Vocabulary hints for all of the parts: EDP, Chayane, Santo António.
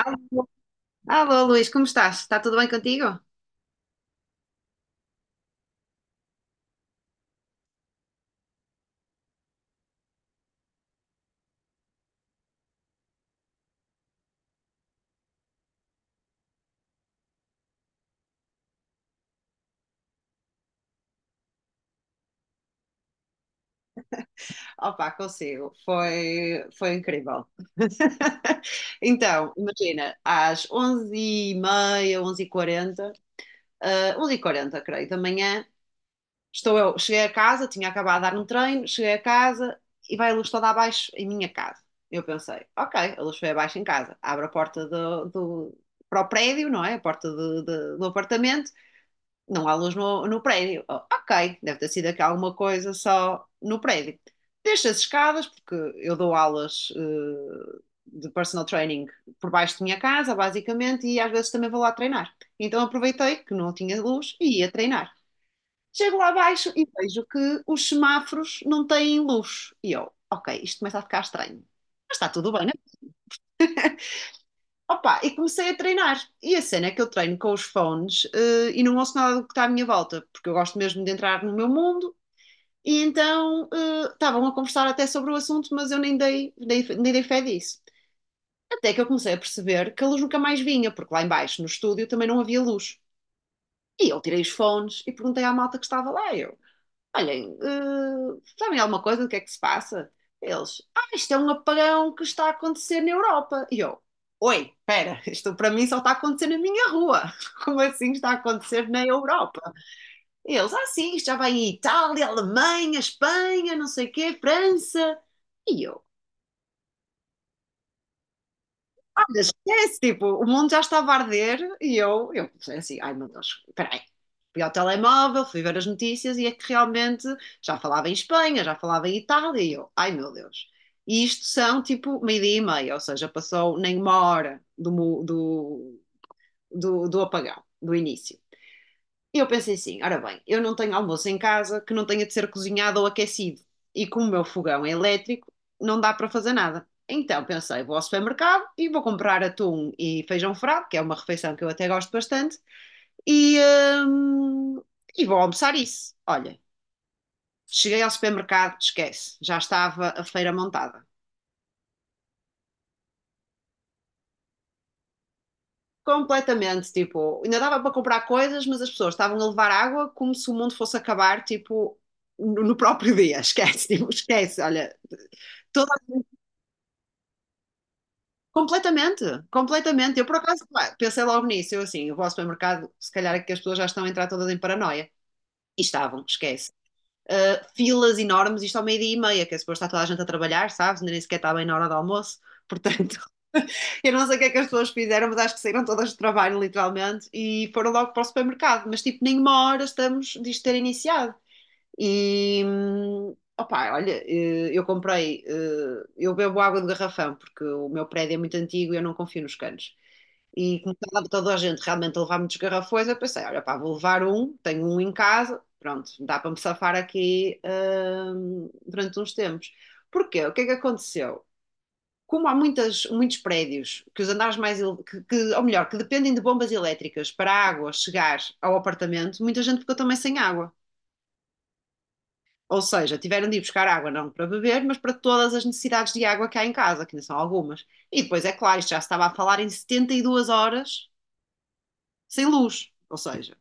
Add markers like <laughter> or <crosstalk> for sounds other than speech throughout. Alô, alô, Luís, como estás? Está tudo bem contigo? Opa, consigo. Foi incrível. <laughs> Então, imagina, às 11h30, 11h40, 11h40, creio, da manhã. Estou eu, cheguei a casa, tinha acabado de dar um treino, cheguei a casa e vai a luz toda abaixo em minha casa. Eu pensei, ok, a luz foi abaixo em casa, abro a porta para o prédio, não é? A porta do apartamento, não há luz no prédio. Oh, ok, deve ter sido aqui alguma coisa só no prédio. Deixo as escadas, porque eu dou aulas de personal training por baixo da minha casa, basicamente, e às vezes também vou lá treinar. Então aproveitei que não tinha luz e ia treinar. Chego lá abaixo e vejo que os semáforos não têm luz. E eu, ok, isto começa a ficar estranho. Mas está tudo bem. Opa, e comecei a treinar. E a cena é que eu treino com os fones, e não ouço nada do que está à minha volta, porque eu gosto mesmo de entrar no meu mundo. E então, estavam a conversar até sobre o assunto, mas eu nem nem dei fé disso. Até que eu comecei a perceber que a luz nunca mais vinha, porque lá embaixo no estúdio também não havia luz. E eu tirei os fones e perguntei à malta que estava lá. Eu, olhem, sabem alguma coisa do que é que se passa? Eles, ah, isto é um apagão que está a acontecer na Europa. E eu, oi, espera, <laughs> isto para mim só está a acontecer na minha rua. <laughs> Como assim está a acontecer na Europa? E eles, ah, sim, isto já vai em Itália, Alemanha, Espanha, não sei o quê, França. E eu, esquece, tipo, o mundo já estava a arder e eu pensei assim, ai meu Deus, espera aí. Fui ao telemóvel, fui ver as notícias e é que realmente já falava em Espanha, já falava em Itália e eu, ai meu Deus. E isto são tipo meio-dia e meia, ou seja, passou nem uma hora do apagão, do início. E eu pensei assim: ora bem, eu não tenho almoço em casa que não tenha de ser cozinhado ou aquecido. E como o meu fogão é elétrico, não dá para fazer nada. Então pensei: vou ao supermercado e vou comprar atum e feijão frado, que é uma refeição que eu até gosto bastante, e, hum, e vou almoçar isso. Olha, cheguei ao supermercado, esquece, já estava a feira montada. Completamente, tipo, ainda dava para comprar coisas, mas as pessoas estavam a levar água como se o mundo fosse acabar, tipo, no próprio dia, <laughs> esquece, tipo, esquece, olha, Toda- completamente, completamente. Eu, por acaso, pá, pensei logo nisso. Eu, assim, eu vou ao supermercado, se calhar é que as pessoas já estão a entrar todas em paranoia. E estavam, esquece. Filas enormes, isto ao meio-dia e meia, que é suposto estar toda a gente a trabalhar, sabes? Ainda nem sequer está bem na hora do almoço. Portanto, <laughs> eu não sei o que é que as pessoas fizeram, mas acho que saíram todas do trabalho, literalmente, e foram logo para o supermercado. Mas, tipo, nem uma hora estamos disto ter iniciado. E opá, olha, eu comprei, eu bebo água de garrafão porque o meu prédio é muito antigo e eu não confio nos canos. E como estava toda a gente realmente a levar muitos garrafões, eu pensei, olha, pá, vou levar um, tenho um em casa, pronto, dá para me safar aqui, durante uns tempos. Porquê? O que é que aconteceu? Como há muitas, muitos prédios que os andares mais, ou melhor, que dependem de bombas elétricas para a água chegar ao apartamento, muita gente ficou também sem água. Ou seja, tiveram de ir buscar água não para beber, mas para todas as necessidades de água que há em casa, que ainda são algumas. E depois, é claro, isto já se estava a falar em 72 horas sem luz. Ou seja,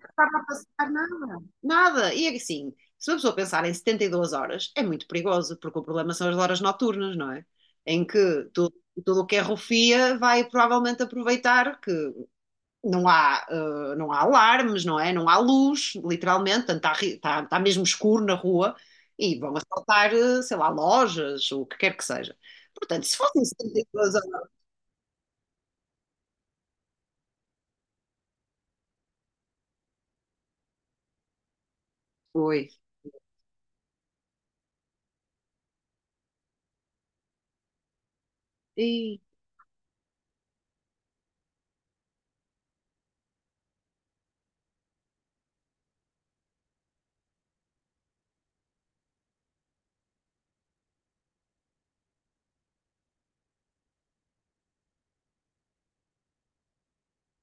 não estava a passar nada. Nada. E assim, se uma pessoa pensar em 72 horas, é muito perigoso, porque o problema são as horas noturnas, não é? Em que tudo o que é rufia vai provavelmente aproveitar que não há alarmes, não é? Não há luz, literalmente, portanto, está mesmo escuro na rua e vão assaltar, sei lá, lojas, o que quer que seja. Portanto, se fossem 72 horas. Oi. E,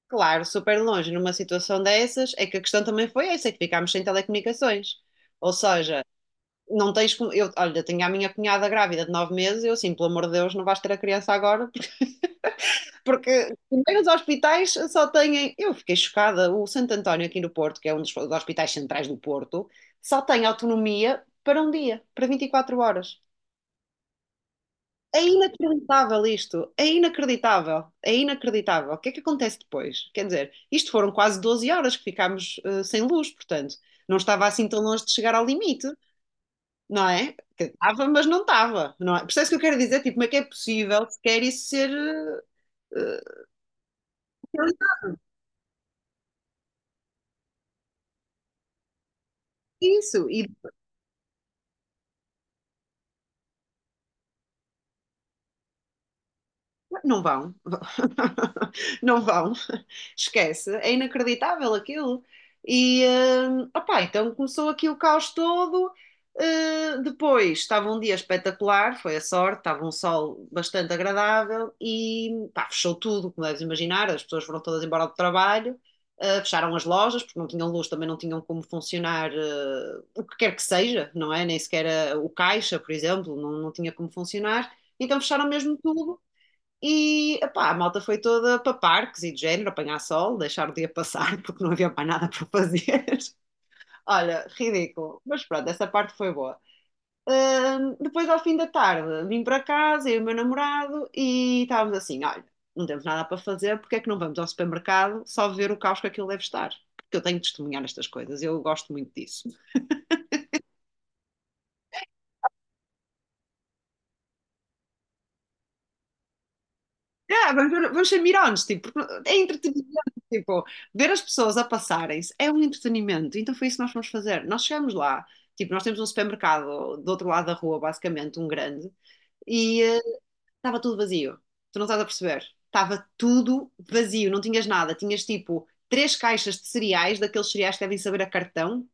claro, super longe numa situação dessas, é que a questão também foi essa, é que ficámos sem telecomunicações. Ou seja, não tens como. Eu, olha, tenho a minha cunhada grávida de 9 meses, eu assim, pelo amor de Deus, não vais ter a criança agora, porque primeiro os hospitais só têm. Eu fiquei chocada. O Santo António, aqui no Porto, que é um dos hospitais centrais do Porto, só tem autonomia para um dia, para 24 horas. É inacreditável isto. É inacreditável. É inacreditável. O que é que acontece depois? Quer dizer, isto foram quase 12 horas que ficámos, sem luz, portanto, não estava assim tão longe de chegar ao limite, não é? Que estava, mas não estava, não é? Percebes o que eu quero dizer? Tipo, como é que é possível sequer isso ser, eh, isso? E não vão, <laughs> não vão, esquece, é inacreditável aquilo. E, opá, então começou aqui o caos todo. Depois estava um dia espetacular, foi a sorte, estava um sol bastante agradável e pá, fechou tudo, como deves imaginar. As pessoas foram todas embora do trabalho, fecharam as lojas porque não tinham luz, também não tinham como funcionar, o que quer que seja, não é? Nem sequer o caixa, por exemplo, não, não tinha como funcionar. Então fecharam mesmo tudo e epá, a malta foi toda para parques e de género, apanhar sol, deixar o dia passar <laughs> porque não havia mais nada para fazer. <laughs> Olha, ridículo. Mas pronto, essa parte foi boa. Depois, ao fim da tarde, vim para casa, eu e o meu namorado, e estávamos assim: olha, não temos nada para fazer, porque é que não vamos ao supermercado só ver o caos que aquilo deve estar? Porque eu tenho de testemunhar estas coisas, eu gosto muito disso. Yeah, vamos ver, vamos ser mirões, tipo, é entretenimento, tipo, ver as pessoas a passarem-se é um entretenimento, então foi isso que nós fomos fazer. Nós chegamos lá, tipo, nós temos um supermercado do outro lado da rua, basicamente, um grande, e estava tudo vazio, tu não estás a perceber, estava tudo vazio, não tinhas nada, tinhas tipo três caixas de cereais, daqueles cereais que devem saber a cartão,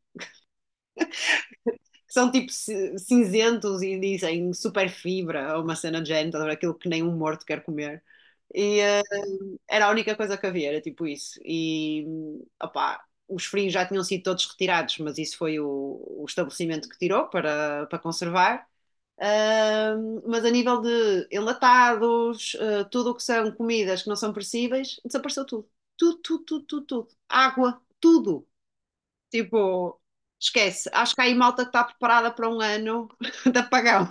que são tipo cinzentos e dizem super fibra, ou uma cena de género, estás a ver? Aquilo que nem um morto quer comer. E, era a única coisa que havia, era tipo isso. E, opá, os frios já tinham sido todos retirados, mas isso foi o estabelecimento que tirou para conservar. Mas a nível de enlatados, tudo o que são comidas que não são perecíveis, desapareceu tudo. Tudo, tudo, tudo, tudo, tudo. Água, tudo. Tipo, esquece. Acho que há aí malta que está preparada para um ano <laughs> de apagão.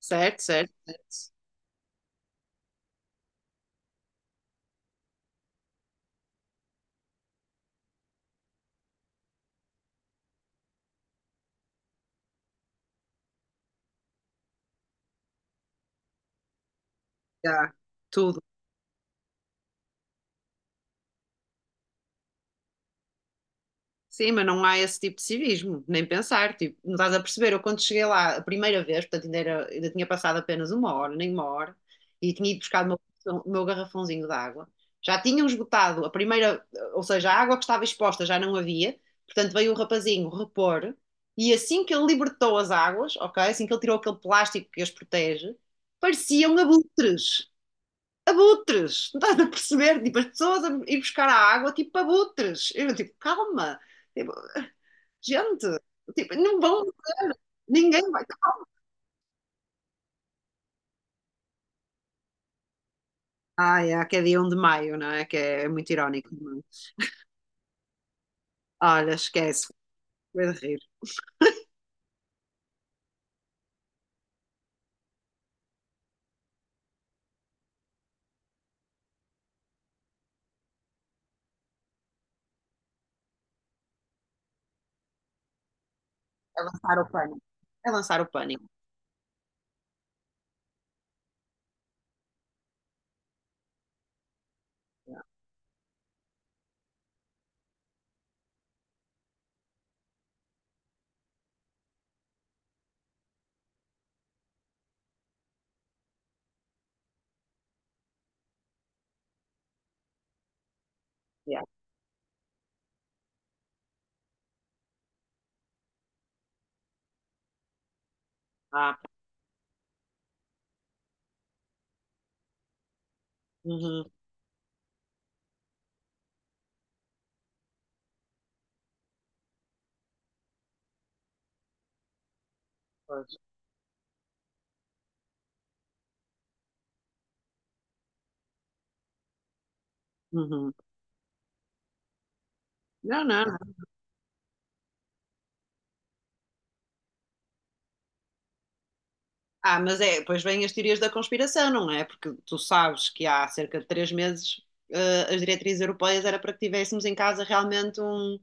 Certo, certo, certo. Já, tudo. Sim, mas não há esse tipo de civismo, nem pensar, tipo, não estás a perceber, eu quando cheguei lá a primeira vez, portanto ainda, ainda tinha passado apenas uma hora, nem uma hora, e tinha ido buscar o meu garrafãozinho de água, já tinham esgotado a primeira, ou seja, a água que estava exposta já não havia, portanto veio o rapazinho repor, e assim que ele libertou as águas, ok, assim que ele tirou aquele plástico que as protege, pareciam abutres. Abutres, não estás a perceber? Tipo, as pessoas a ir buscar a água, tipo abutres. Eu, tipo, calma. Tipo, gente, tipo, não vão, ninguém vai. Ah, é, que é dia 1 de maio, não é? Que é muito irónico, não é? Olha, esquece, foi de rir. É lançar o pânico. É lançar o pânico. Yeah, yeah. Ah, uhum, pois, uhum. Não, não, não. Ah, mas é, depois vêm as teorias da conspiração, não é? Porque tu sabes que há cerca de 3 meses, as diretrizes europeias era para que tivéssemos em casa realmente um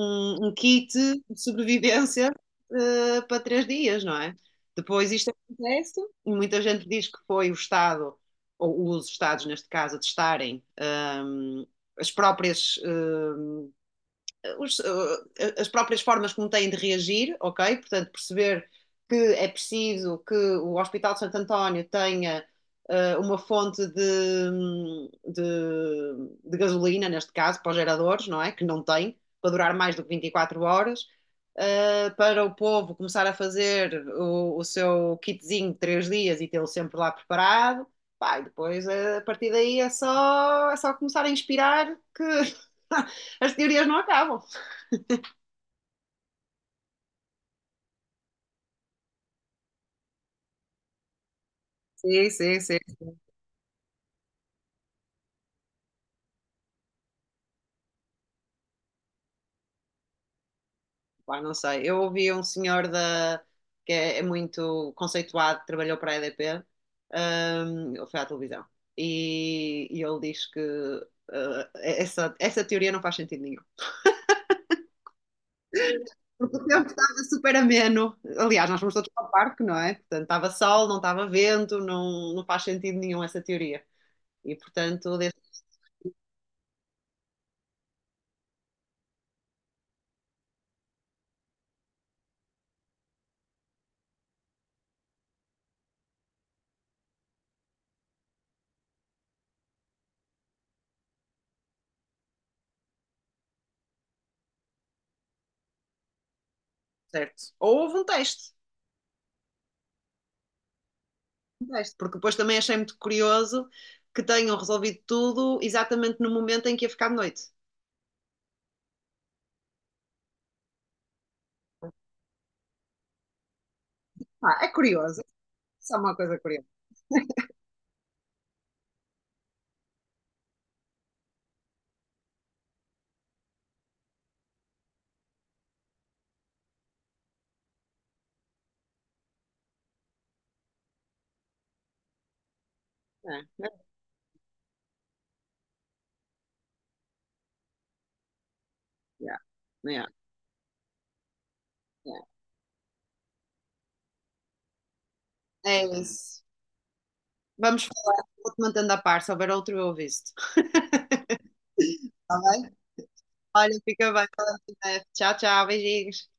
um, um kit de sobrevivência, para 3 dias, não é? Depois isto acontece, e muita gente diz que foi o Estado, ou os Estados neste caso, a testarem, hum, as próprias, os, as próprias formas como têm de reagir, ok? Portanto, perceber que é preciso que o Hospital de Santo António tenha, uma fonte de gasolina, neste caso, para os geradores, não é? Que não tem, para durar mais do que 24 horas, para o povo começar a fazer o seu kitzinho de 3 dias e tê-lo sempre lá preparado. Pá, e depois, a partir daí, é só começar a inspirar que <laughs> as teorias não acabam. Sim, sim, sim. Pá, não sei. Eu ouvi um senhor da, que é muito conceituado, trabalhou para a EDP, ele foi à televisão, e, ele diz que essa teoria não faz sentido nenhum. Porque o tempo estava super ameno. Aliás, nós fomos todos para o parque, não é? Portanto, estava sol, não estava vento, não, não faz sentido nenhum essa teoria. E, portanto, desse. Certo. Ou houve um teste. Deste, porque depois também achei muito curioso que tenham resolvido tudo exatamente no momento em que ia ficar de noite. Ah, é curioso, é só uma coisa curiosa. É, é, yeah, yeah, yeah. É isso. Vamos falar, vou-te mantendo a par, se houver outro eu aviso-te. <laughs> Está bem? Olha, fica bem. Tchau, tchau, beijinhos.